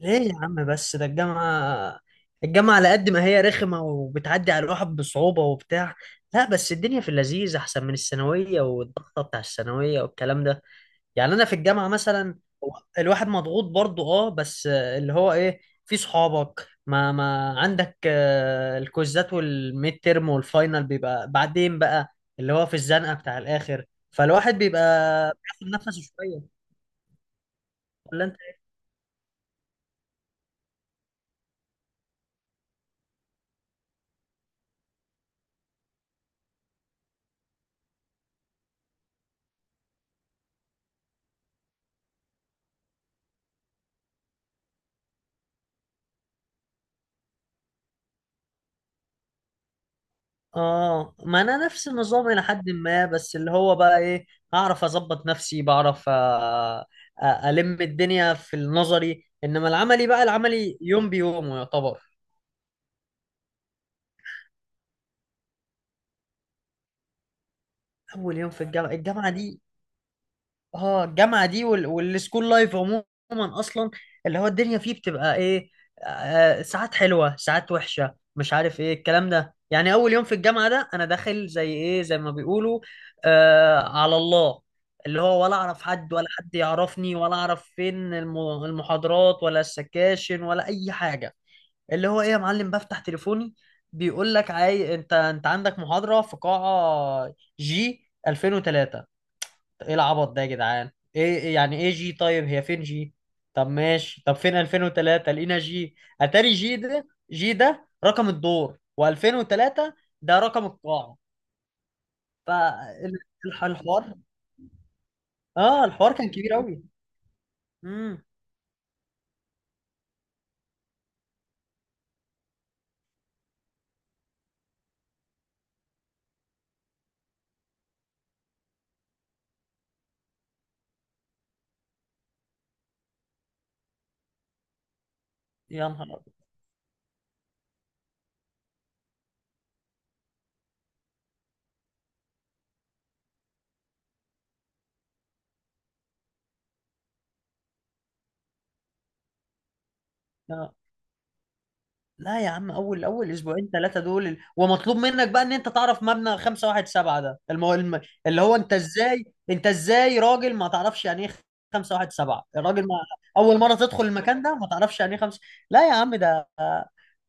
ليه يا عم؟ بس ده الجامعة. الجامعة على قد ما هي رخمة وبتعدي على الواحد بصعوبة وبتاع. لا، بس الدنيا في اللذيذ أحسن من الثانوية والضغطة بتاع الثانوية والكلام ده. يعني أنا في الجامعة مثلا هو الواحد مضغوط برضه بس اللي هو إيه، في صحابك ما عندك، الكوزات والميد تيرم والفاينل بيبقى بعدين بقى، اللي هو في الزنقة بتاع الآخر، فالواحد بيبقى بياخد نفسه شوية. ولا. اه، ما انا نفس النظام الى حد ما، بس اللي هو بقى ايه، اعرف اظبط نفسي، بعرف. الم الدنيا في النظري، انما العملي بقى، العملي يوم بيوم يعتبر. اول يوم في الجامعه الجامعه دي. اه، الجامعه دي والسكول لايف عموما، اصلا اللي هو الدنيا فيه بتبقى ايه. ساعات حلوه ساعات وحشه، مش عارف ايه الكلام ده. يعني اول يوم في الجامعه ده، انا داخل زي ايه، زي ما بيقولوا آه على الله، اللي هو ولا اعرف حد ولا حد يعرفني ولا اعرف فين المحاضرات ولا السكاشن ولا اي حاجه. اللي هو ايه يا معلم، بفتح تليفوني بيقول لك انت عندك محاضره في قاعه جي 2003. ايه العبط ده يا جدعان؟ ايه يعني ايه جي؟ طيب هي فين جي؟ طب ماشي، طب فين 2003؟ لقينا جي، اتاري جي ده، جي ده رقم الدور و2003 ده رقم القاعة. فالحوار اه، الحوار كان كبير قوي. امم يا نهار أبيض. لا يا عم، اول اسبوعين ثلاثه دول، ومطلوب منك بقى ان انت تعرف مبنى 517 ده، اللي هو انت ازاي. انت ازاي راجل ما تعرفش يعني ايه 517؟ الراجل ما اول مره تدخل المكان ده ما تعرفش يعني ايه خمس. لا يا عم، ده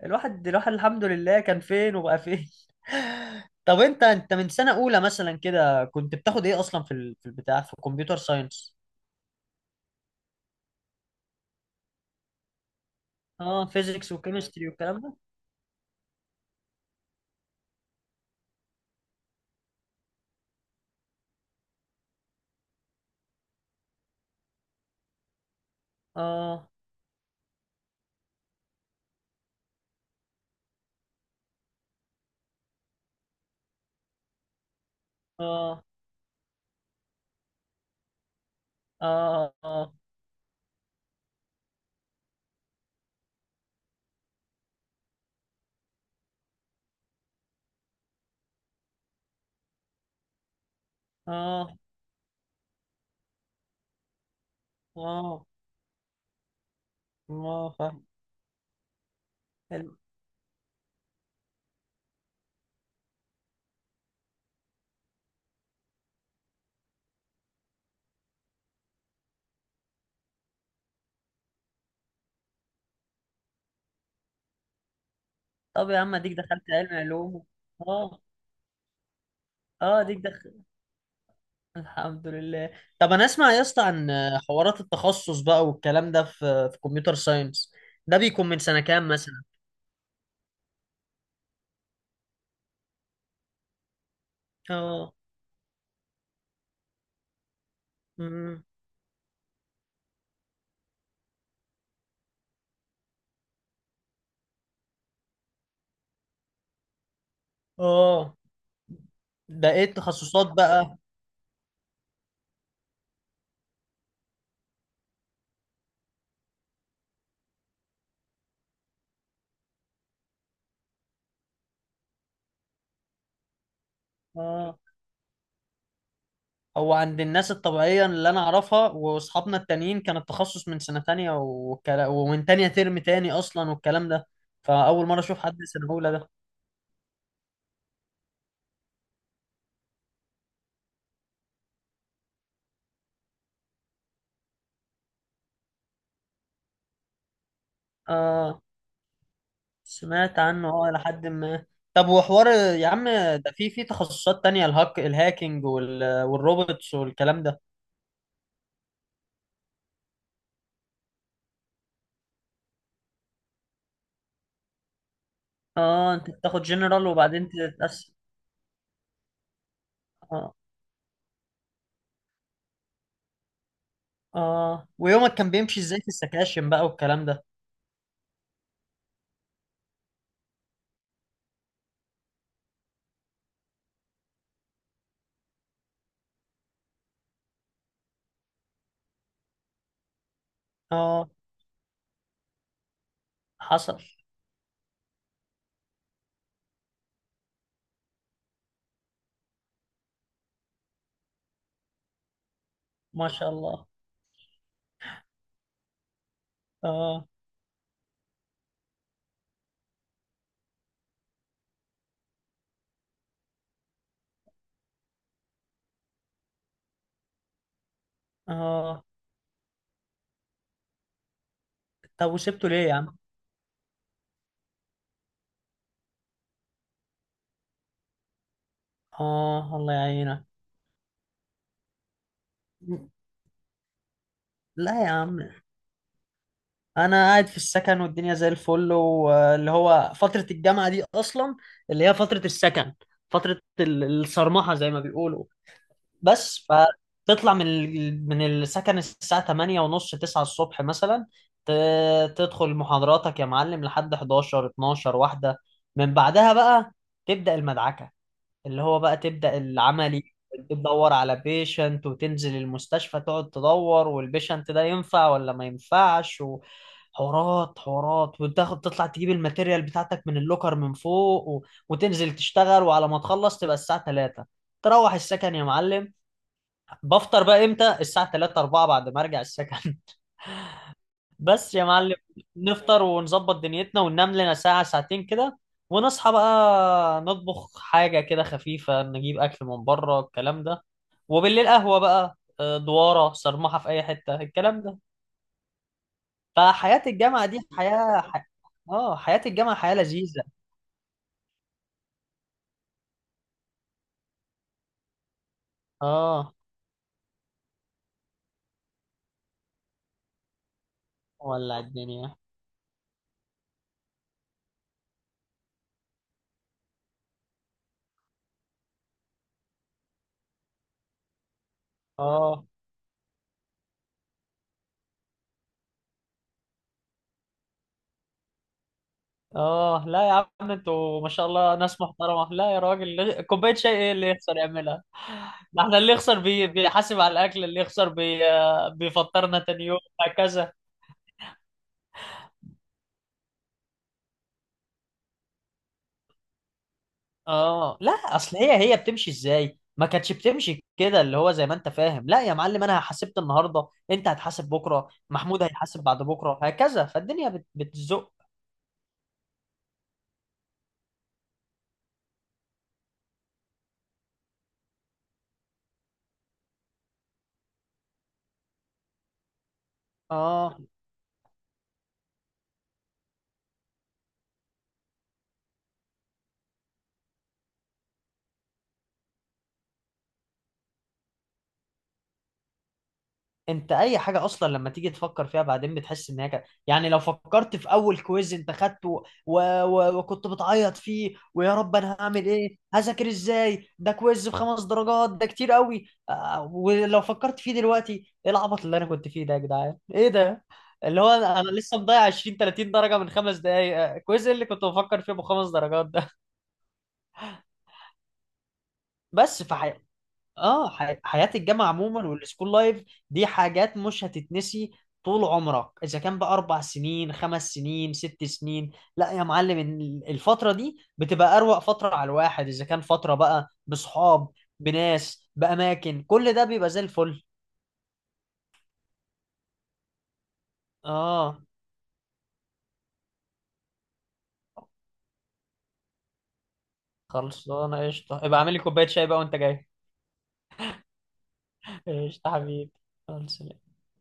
الواحد الواحد الحمد لله كان فين وبقى فين. طب انت من سنه اولى مثلا كده كنت بتاخد ايه اصلا في البتاع، في الكمبيوتر ساينس؟ اه، فيزيكس وكيمستري والكلام ده. اه، اه، اه، اه، اه، اه، اه، فاهم. حلو. طب يا عم، اديك دخلت علم علوم. اه، اه، اديك دخل، الحمد لله. طب انا اسمع يا اسطى عن حوارات التخصص بقى والكلام ده، في كمبيوتر ساينس، ده بيكون من سنة كام مثلا؟ اه، امم، اه، ده ايه التخصصات بقى؟ اه، هو عند الناس الطبيعية اللي انا اعرفها واصحابنا التانيين كان التخصص من سنة تانية، ومن تانية ترم تاني اصلا والكلام ده، فاول مرة اشوف حد سنة اولى ده. اه، سمعت عنه، اه، لحد ما. طب وحوار يا عم، ده في تخصصات تانية، الهاكينج والروبوتس والكلام ده؟ اه، انت بتاخد جنرال وبعدين تتقسم. اه، اه، ويومك كان بيمشي ازاي في السكاشن بقى والكلام ده؟ اه، حصل. ما شاء الله. اه، اه. طب وسبته ليه يا عم؟ اه، الله يعينك. لا يا عم، انا قاعد في السكن والدنيا زي الفل، واللي هو فترة الجامعة دي اصلا، اللي هي فترة السكن، فترة الصرمحة زي ما بيقولوا. بس فتطلع من من السكن الساعة 8 ونص 9 الصبح مثلا، تدخل محاضراتك يا معلم لحد 11 12 واحدة. من بعدها بقى تبدأ المدعكة، اللي هو بقى تبدأ العملي، تدور على بيشنت وتنزل المستشفى تقعد تدور، والبيشنت ده ينفع ولا ما ينفعش، وحوارات حوارات، وتاخد تطلع تجيب الماتيريال بتاعتك من اللوكر من فوق وتنزل تشتغل، وعلى ما تخلص تبقى الساعة 3، تروح السكن يا معلم. بفطر بقى امتى؟ الساعة 3، 4 بعد ما ارجع السكن. بس يا معلم، نفطر ونظبط دنيتنا وننام لنا ساعة ساعتين كده، ونصحى بقى نطبخ حاجة كده خفيفة، نجيب أكل من بره الكلام ده، وبالليل قهوة بقى، دوارة صرمحة في أي حتة الكلام ده. فحياة الجامعة دي حياة اه، حياة الجامعة حياة لذيذة. اه، ولع الدنيا. اه، اه. لا يا عم، انتوا ما شاء الله ناس محترمة. لا يا راجل، كوباية شاي ايه اللي يخسر يعملها؟ ده احنا اللي يخسر بيحاسب على الاكل، اللي يخسر بيفطرنا تاني يوم هكذا. اه، لا، اصل هي بتمشي ازاي، ما كانتش بتمشي كده اللي هو زي ما انت فاهم، لا يا معلم، انا حاسبت النهارده، انت هتحاسب بكره، محمود هيحاسب بعد بكره هكذا، فالدنيا بتزق. اه، انت اي حاجه اصلا لما تيجي تفكر فيها بعدين بتحس ان هي كده، يعني لو فكرت في اول كويز انت خدته وكنت بتعيط فيه، ويا رب انا هعمل ايه، هذاكر ازاي، ده كويز بخمس درجات ده كتير قوي، ولو فكرت فيه دلوقتي، ايه العبط اللي انا كنت فيه ده يا جدعان، ايه ده؟ اللي هو انا لسه مضيع 20 30 درجه من خمس دقايق، كويز إيه اللي كنت بفكر فيه بخمس درجات ده؟ بس اه، حياة الجامعة عموما والسكول لايف دي حاجات مش هتتنسي طول عمرك، اذا كان بقى اربع سنين خمس سنين ست سنين. لا يا معلم، الفترة دي بتبقى اروق فترة على الواحد، اذا كان فترة بقى بصحاب بناس باماكن، كل ده بيبقى زي الفل. اه، خلصانة قشطة، ابقى اعمل لي كوباية شاي بقى وانت جاي. قشطة حبيبي، خلص.